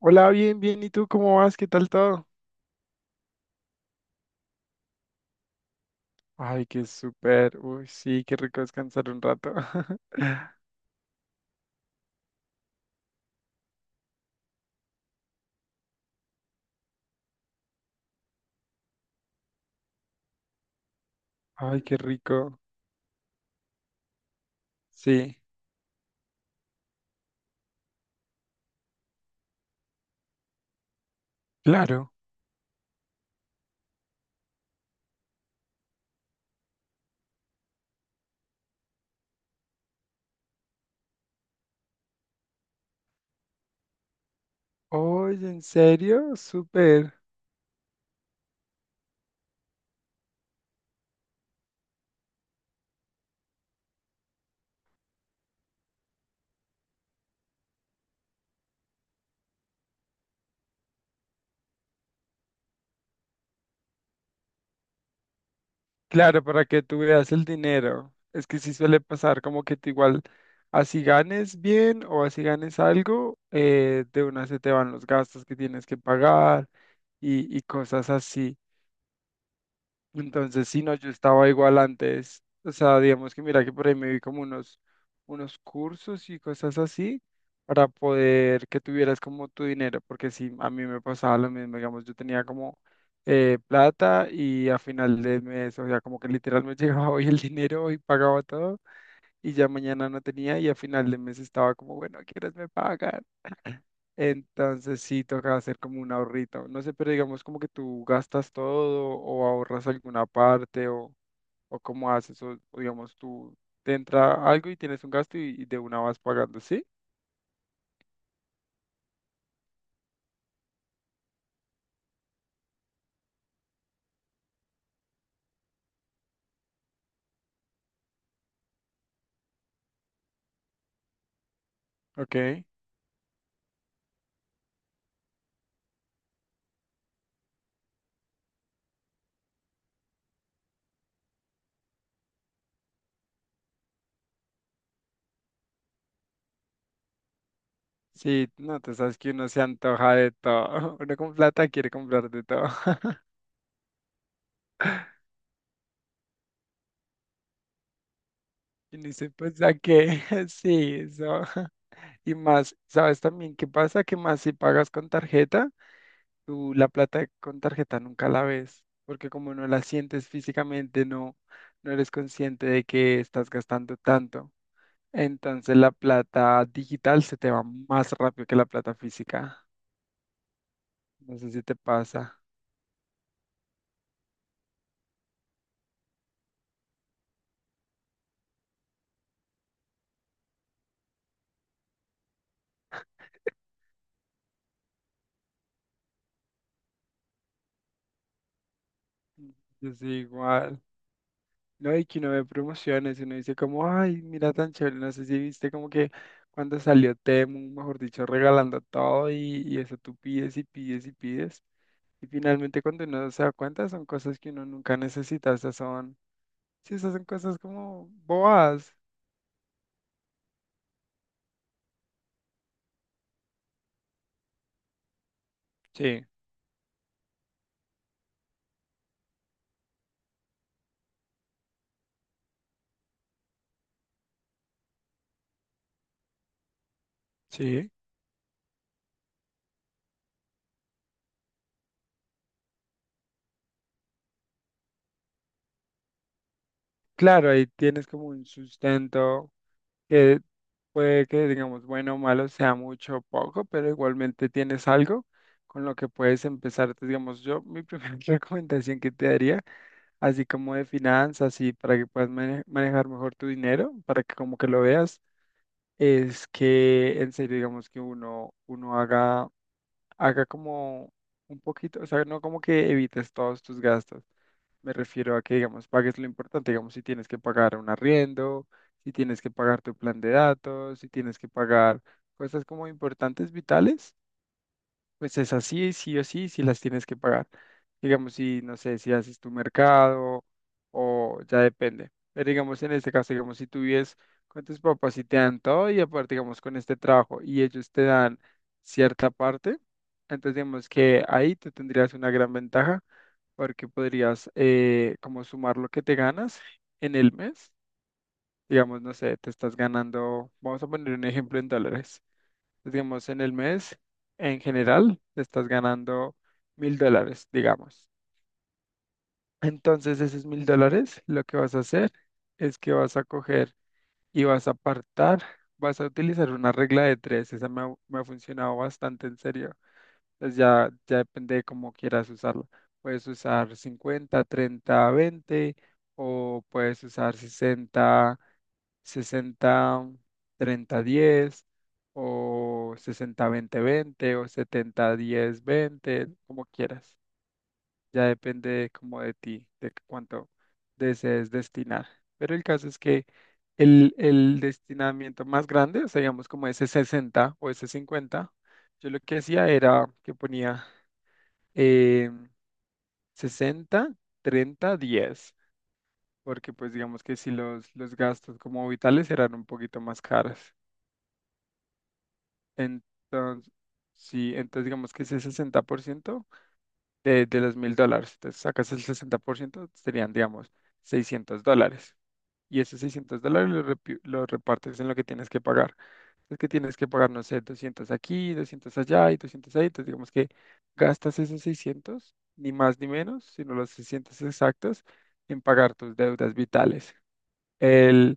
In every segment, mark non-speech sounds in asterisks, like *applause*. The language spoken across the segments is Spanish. Hola, bien, bien. ¿Y tú cómo vas? ¿Qué tal todo? Ay, qué súper. Uy, sí, qué rico descansar un rato. *laughs* Ay, qué rico. Sí, claro. Oye, ¿en serio? Súper. Claro, para que tú veas el dinero. Es que sí suele pasar como que tú igual, así ganes bien o así ganes algo, de una se te van los gastos que tienes que pagar y cosas así. Entonces, si no, yo estaba igual antes. O sea, digamos que mira que por ahí me vi como unos cursos y cosas así para poder que tuvieras como tu dinero, porque si a mí me pasaba lo mismo, digamos, yo tenía como plata y a final del mes, o sea, como que literal me *laughs* llegaba hoy el dinero y pagaba todo y ya mañana no tenía y a final del mes estaba como, bueno, ¿quieres me pagas? Entonces sí toca hacer como un ahorrito. No sé, pero digamos como que tú gastas todo o ahorras alguna parte o cómo haces o digamos tú te entra algo y tienes un gasto y de una vas pagando, ¿sí? Ok. Sí, no, tú sabes que uno se antoja de todo. *laughs* Uno con plata quiere comprar de todo. *laughs* Y ni se piensa que *laughs* sí, eso. *laughs* Y más, ¿sabes también qué pasa? Que más si pagas con tarjeta, tú la plata con tarjeta nunca la ves. Porque como no la sientes físicamente, no eres consciente de que estás gastando tanto. Entonces la plata digital se te va más rápido que la plata física. No sé si te pasa. Yo soy igual. No, y que uno ve promociones, uno dice como, ay, mira tan chévere, no sé si viste como que cuando salió Temu, mejor dicho, regalando todo y eso tú pides y pides y pides. Y finalmente cuando uno se da cuenta son cosas que uno nunca necesita, esas son, sí, esas son cosas como boas. Sí, sí. Claro, ahí tienes como un sustento. Que puede que, digamos, bueno o malo sea mucho o poco, pero igualmente tienes algo con lo que puedes empezar. Entonces, digamos, yo mi primera *laughs* recomendación que te daría, así como de finanzas y para que puedas manejar mejor tu dinero, para que como que lo veas, es que en serio, digamos, que uno haga como un poquito, o sea, no como que evites todos tus gastos. Me refiero a que, digamos, pagues lo importante, digamos, si tienes que pagar un arriendo, si tienes que pagar tu plan de datos, si tienes que pagar cosas como importantes, vitales, pues es así, sí o sí, si las tienes que pagar. Digamos, si, no sé, si haces tu mercado o ya depende. Pero digamos, en este caso, digamos, si tú vives con tus papás y te dan todo y aparte, digamos, con este trabajo y ellos te dan cierta parte, entonces digamos que ahí tú tendrías una gran ventaja porque podrías como sumar lo que te ganas en el mes. Digamos, no sé, te estás ganando, vamos a poner un ejemplo en dólares, digamos, en el mes, en general, estás ganando 1.000 dólares, digamos. Entonces, esos mil dólares, lo que vas a hacer es que vas a coger y vas a apartar, vas a utilizar una regla de tres. Esa me ha funcionado bastante en serio. Entonces ya depende de cómo quieras usarlo. Puedes usar 50, 30, 20 o puedes usar 60, 60, 30, 10 o 60, 20, 20 o setenta, diez, veinte, como quieras. Ya depende como de ti, de cuánto desees destinar. Pero el caso es que el destinamiento más grande, o sea, digamos como ese 60 o ese 50, yo lo que hacía era que ponía eh, 60, 30, 10, porque pues digamos que si los gastos como vitales eran un poquito más caros. Entonces, sí, entonces digamos que ese 60% de los mil dólares, entonces sacas el 60% serían digamos 600 dólares. Y esos 600 dólares los repartes en lo que tienes que pagar. Es que tienes que pagar, no sé, 200 aquí, 200 allá y 200 ahí. Entonces, digamos que gastas esos seiscientos ni más ni menos, sino los 600 exactos, en pagar tus deudas vitales. El,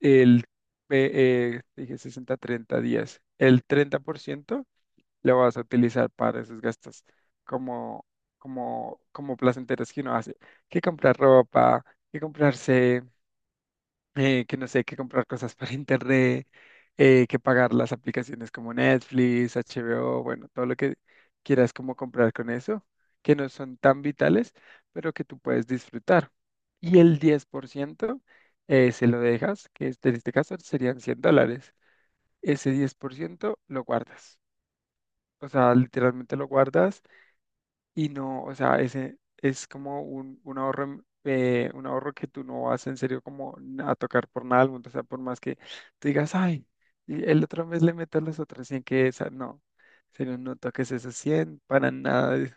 el eh, dije 60 30 días. El 30% lo vas a utilizar para esos gastos como, como placenteros que uno hace, que comprar ropa, que comprarse que no sé, que comprar cosas para internet, que pagar las aplicaciones como Netflix, HBO, bueno, todo lo que quieras como comprar con eso, que no son tan vitales, pero que tú puedes disfrutar. Y el 10% se lo dejas, en este caso serían 100 dólares. Ese 10% lo guardas. O sea, literalmente lo guardas y no, o sea, ese es como un ahorro que tú no vas en serio como a tocar por nada del mundo. O sea, por más que tú digas, ay, y el otro mes le meto las otras cien que esa, no. En serio, no toques esos 100 para nada. de-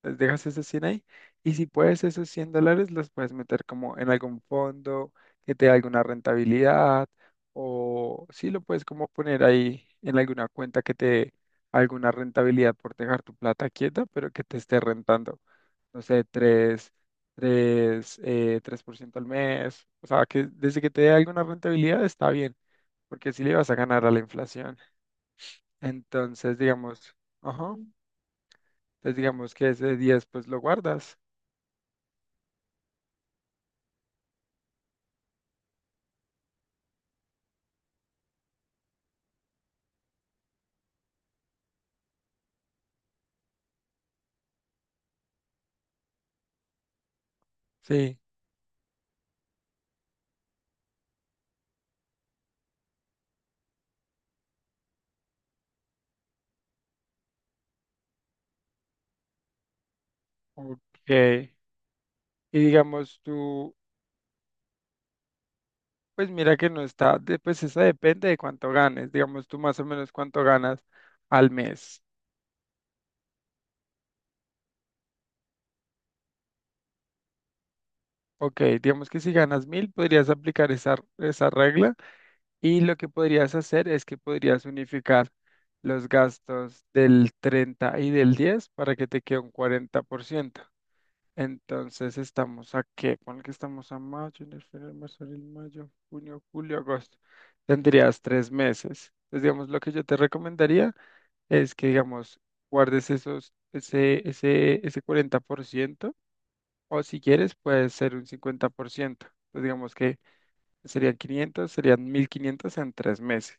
pues Dejas esos 100 ahí. Y si puedes, esos 100 dólares los puedes meter como en algún fondo que te dé alguna rentabilidad. O sí, lo puedes como poner ahí en alguna cuenta que te dé alguna rentabilidad por dejar tu plata quieta, pero que te esté rentando, no sé, tres por ciento al mes. O sea, que desde que te dé alguna rentabilidad está bien, porque si le vas a ganar a la inflación. Entonces, digamos, ajá, entonces digamos que ese 10 pues lo guardas. Sí, ok. Y digamos tú, pues mira que no está, pues eso depende de cuánto ganes. Digamos tú más o menos cuánto ganas al mes. Ok, digamos que si ganas mil, podrías aplicar esa regla y lo que podrías hacer es que podrías unificar los gastos del 30 y del 10 para que te quede un 40%. Entonces estamos a qué, pon que estamos a mayo, enero, febrero, marzo, abril, mayo, junio, julio, agosto. Tendrías 3 meses. Entonces, digamos, lo que yo te recomendaría es que, digamos, guardes ese 40%. O si quieres, puede ser un 50%, pues digamos que serían 1500 en tres meses.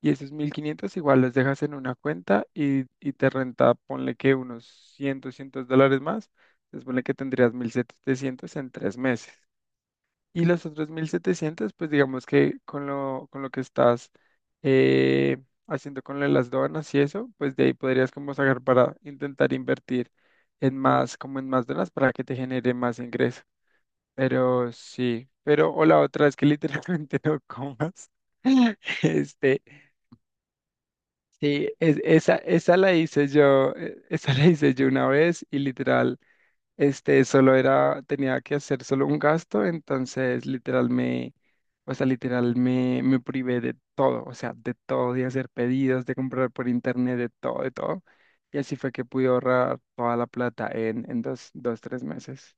Y esos 1500 igual los dejas en una cuenta y te renta, ponle que unos 100 200 dólares más. Entonces, ponle que tendrías 1700 en tres meses. Y los otros 1700 pues digamos que con lo, que estás eh, haciendo con lo de las donas y eso, pues de ahí podrías como sacar para intentar invertir en más, como en más donas para que te genere más ingreso. Pero sí, pero o la otra es que literalmente *laughs* no comas. *laughs* Este, sí, esa la hice yo, esa la hice yo una vez y literal, este, solo era, tenía que hacer solo un gasto, entonces literal me privé de todo, o sea, de todo, de hacer pedidos, de comprar por internet, de todo, de todo. Y así fue que pude ahorrar toda la plata en dos, dos, tres meses.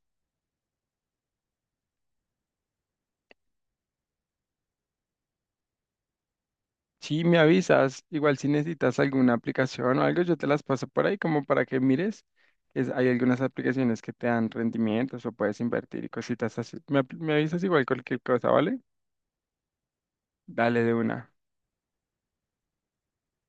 Sí, me avisas. Igual si necesitas alguna aplicación o algo, yo te las paso por ahí como para que mires. Hay algunas aplicaciones que te dan rendimientos o puedes invertir y cositas así. Me avisas igual cualquier cosa, ¿vale? Dale de una.